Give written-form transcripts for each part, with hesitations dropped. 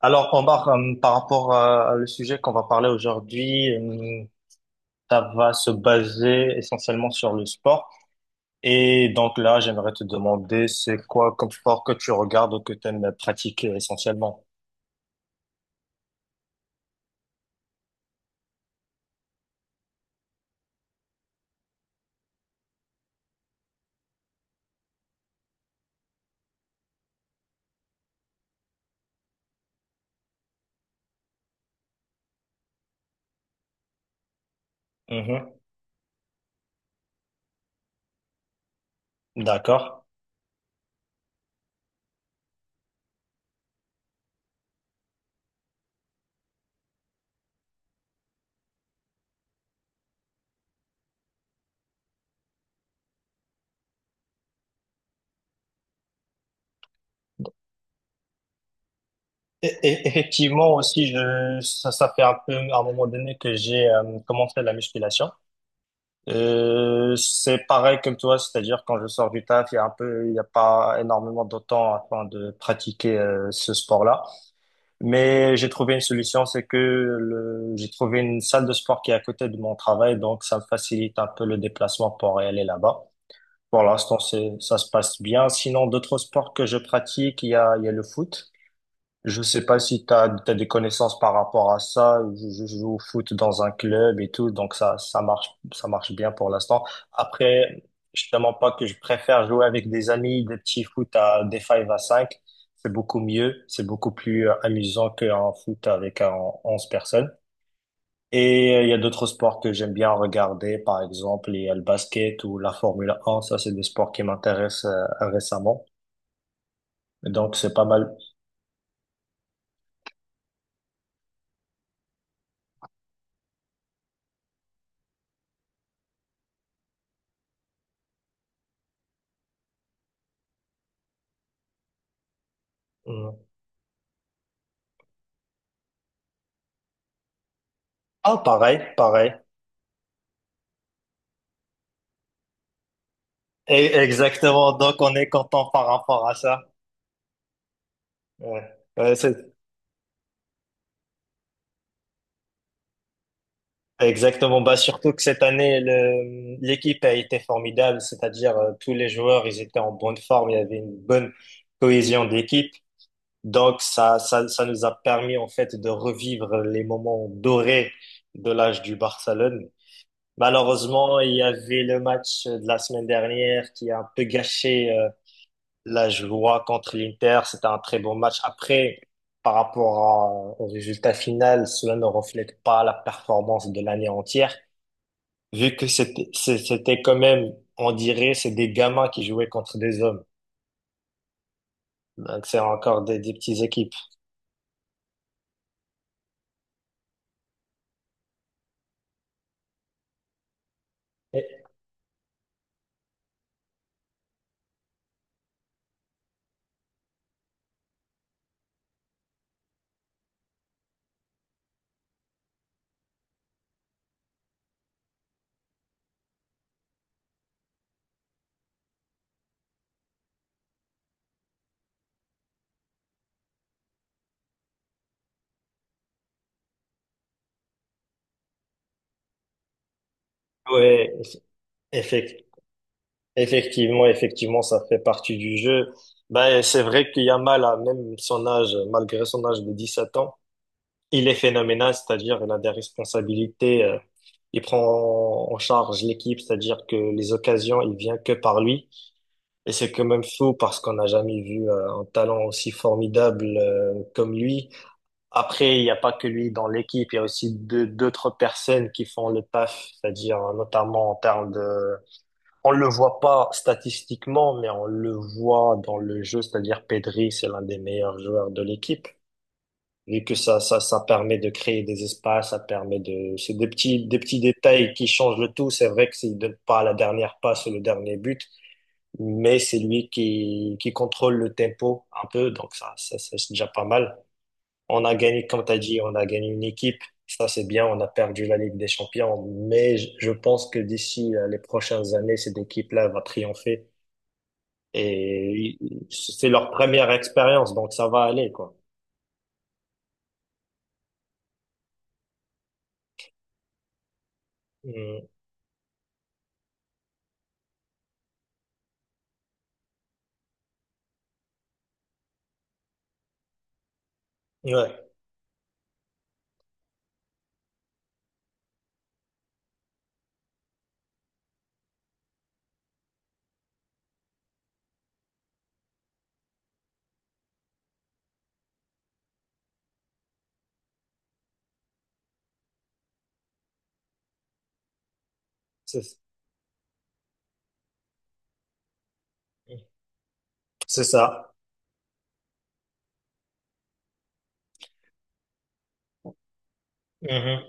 Alors, Omar, par rapport à le sujet qu'on va parler aujourd'hui, ça va se baser essentiellement sur le sport. Et donc là, j'aimerais te demander, c'est quoi comme sport que tu regardes ou que tu aimes pratiquer essentiellement? Mhm. D'accord. Effectivement aussi, ça fait un peu à un moment donné que j'ai commencé la musculation. C'est pareil comme toi, c'est-à-dire quand je sors du taf, il y a un peu, il n'y a pas énormément de temps afin de pratiquer ce sport-là. Mais j'ai trouvé une solution, c'est que j'ai trouvé une salle de sport qui est à côté de mon travail, donc ça me facilite un peu le déplacement pour aller là-bas. Pour l'instant, ça se passe bien. Sinon, d'autres sports que je pratique, il y a le foot. Je sais pas si t'as des connaissances par rapport à ça. Je joue au foot dans un club et tout, donc ça marche bien pour l'instant. Après, je te mens pas que je préfère jouer avec des amis, des petits foot à des 5 à 5. C'est beaucoup mieux, c'est beaucoup plus amusant qu'un foot avec 11 personnes. Et il y a d'autres sports que j'aime bien regarder, par exemple, il y a le basket ou la Formule 1. Ça, c'est des sports qui m'intéressent récemment. Donc, c'est pas mal. Mm. Ah, pareil, pareil. Et exactement, donc on est content par rapport à ça. Ouais. Ouais, c'est exactement. Bah, surtout que cette année, l'équipe a été formidable, c'est-à-dire tous les joueurs, ils étaient en bonne forme, il y avait une bonne cohésion d'équipe. Donc ça nous a permis en fait de revivre les moments dorés de l'âge du Barcelone. Malheureusement, il y avait le match de la semaine dernière qui a un peu gâché. La joie contre l'Inter, c'était un très bon match. Après, par rapport au résultat final, cela ne reflète pas la performance de l'année entière, vu que c'était quand même, on dirait, c'est des gamins qui jouaient contre des hommes. Donc c'est encore des petites équipes. Et- ouais, effect- effectivement, ça fait partie du jeu. Ben, c'est vrai qu'il y a mal à même son âge, malgré son âge de 17 ans, il est phénoménal, c'est-à-dire il a des responsabilités, il prend en charge l'équipe, c'est-à-dire que les occasions, il vient que par lui. Et c'est quand même fou parce qu'on n'a jamais vu un talent aussi formidable comme lui. Après, il n'y a pas que lui dans l'équipe, il y a aussi d'autres personnes qui font le taf, c'est-à-dire notamment en termes de... On le voit pas statistiquement, mais on le voit dans le jeu, c'est-à-dire Pedri, c'est l'un des meilleurs joueurs de l'équipe vu que ça permet de créer des espaces, c'est des petits détails qui changent le tout. C'est vrai que s'il donne pas la dernière passe ou le dernier but, mais c'est lui qui contrôle le tempo un peu, donc ça, c'est déjà pas mal. On a gagné, comme t'as dit, on a gagné une équipe. Ça, c'est bien. On a perdu la Ligue des Champions, mais je pense que d'ici les prochaines années, cette équipe-là va triompher. C'est leur première expérience, donc ça va aller, quoi. Mm. Ouais, c'est c'est ça. Mhm.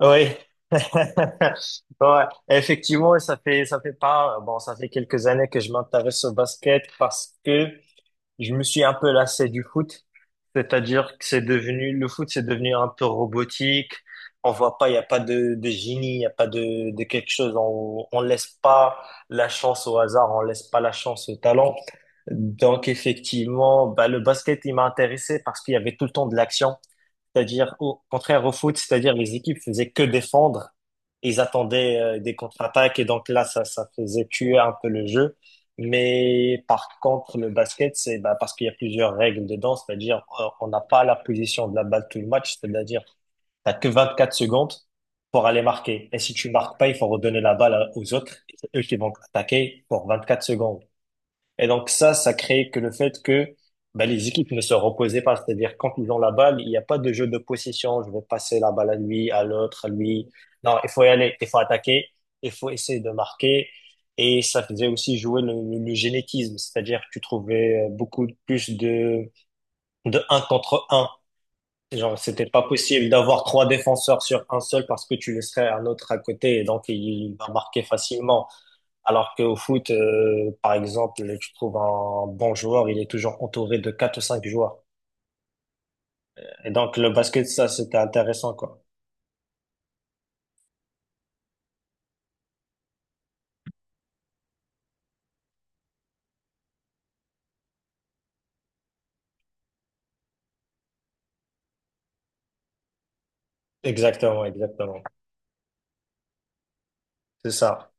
Oui. Ouais. Effectivement, ça fait pas, bon, ça fait quelques années que je m'intéresse au basket parce que je me suis un peu lassé du foot. C'est-à-dire que c'est devenu, le foot, c'est devenu un peu robotique. On voit pas, il y a pas de génie, il y a pas de quelque chose. On laisse pas la chance au hasard, on laisse pas la chance au talent. Donc, effectivement, bah, le basket, il m'a intéressé parce qu'il y avait tout le temps de l'action. C'est-à-dire, au contraire au foot, c'est-à-dire les équipes faisaient que défendre. Ils attendaient des contre-attaques et donc là, ça faisait tuer un peu le jeu. Mais par contre, le basket, c'est bah, parce qu'il y a plusieurs règles dedans, c'est-à-dire on n'a pas la position de la balle tout le match, c'est-à-dire t'as que 24 secondes pour aller marquer. Et si tu marques pas, il faut redonner la balle aux autres, c'est eux qui vont attaquer pour 24 secondes. Et donc ça crée que le fait que bah, les équipes ne se reposaient pas, c'est-à-dire quand ils ont la balle, il n'y a pas de jeu de possession, je vais passer la balle à lui, à l'autre, à lui. Non, il faut y aller, il faut attaquer, il faut essayer de marquer. Et ça faisait aussi jouer le génétisme, c'est-à-dire que tu trouvais beaucoup plus de un contre un. Genre, c'était pas possible d'avoir trois défenseurs sur un seul parce que tu laisserais un autre à côté et donc il va marquer facilement. Alors qu'au foot, par exemple, tu trouves un bon joueur, il est toujours entouré de quatre ou cinq joueurs. Et donc le basket, ça, c'était intéressant, quoi. Exactement, exactement. C'est ça.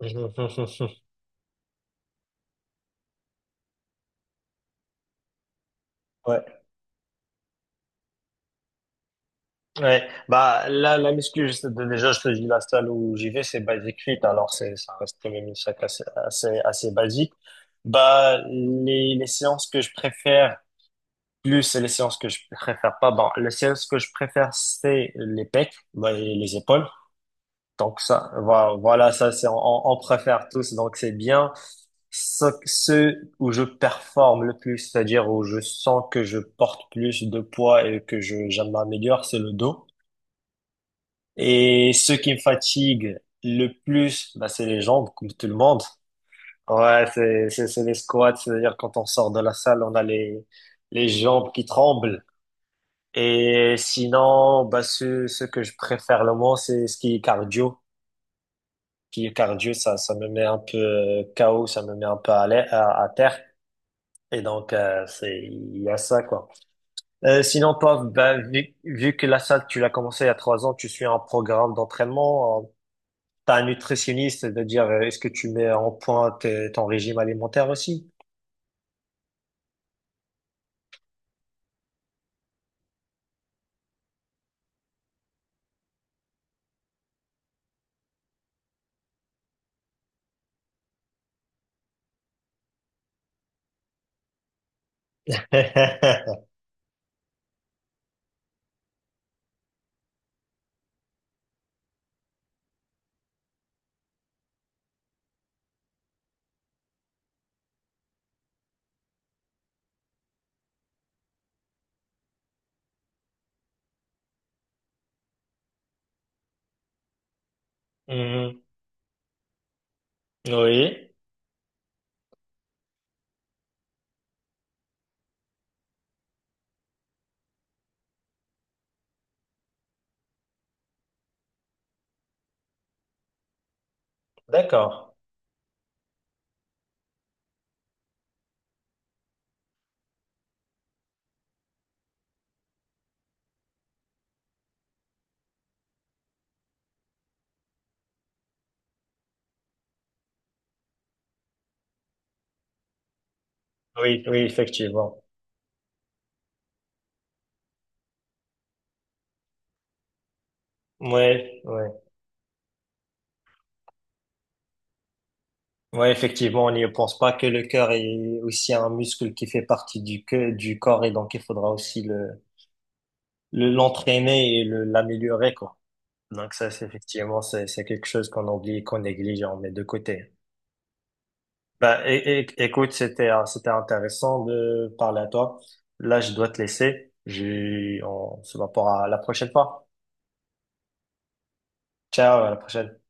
Ouais, ouais. Bah, là, la muscu, déjà, je te dis, la salle où j'y vais, c'est Basic Fit. Alors, ça reste quand même une salle assez basique. Bah, les séances que je préfère plus et les séances que je préfère pas. Bon, les séances que je préfère, c'est les pecs, bah, et les épaules. Donc, ça, voilà, ça, on préfère tous. Donc, c'est bien. Ceux où je performe le plus, c'est-à-dire où je sens que je porte plus de poids et que je m'améliore, c'est le dos. Et ce qui me fatigue le plus, bah, c'est les jambes, comme tout le monde. Ouais, c'est les squats, c'est-à-dire quand on sort de la salle, on a les jambes qui tremblent. Et sinon, bah, ce que je préfère le moins, c'est ce qui est cardio. Qui est cardio, ça me met un peu KO, ça me met un peu à terre. Et donc, il y a ça, quoi. Sinon, toi, bah, vu que la salle, tu l'as commencé il y a 3 ans, tu suis un programme d'entraînement, T'as un nutritionniste de dire est-ce que tu mets en point ton régime alimentaire aussi? Mhm. Oui, d'accord. Oui, oui, effectivement. Ouais, ouais. Ouais, effectivement, on n'y pense pas que le cœur est aussi un muscle qui fait partie du corps et donc il faudra aussi l'entraîner et l'améliorer, quoi. Donc ça, c'est effectivement, c'est quelque chose qu'on oublie, qu'on néglige et on met de côté. Bah, écoute, c'était intéressant de parler à toi. Là, je dois te laisser. On se voit pour la prochaine fois. Ciao, à la prochaine.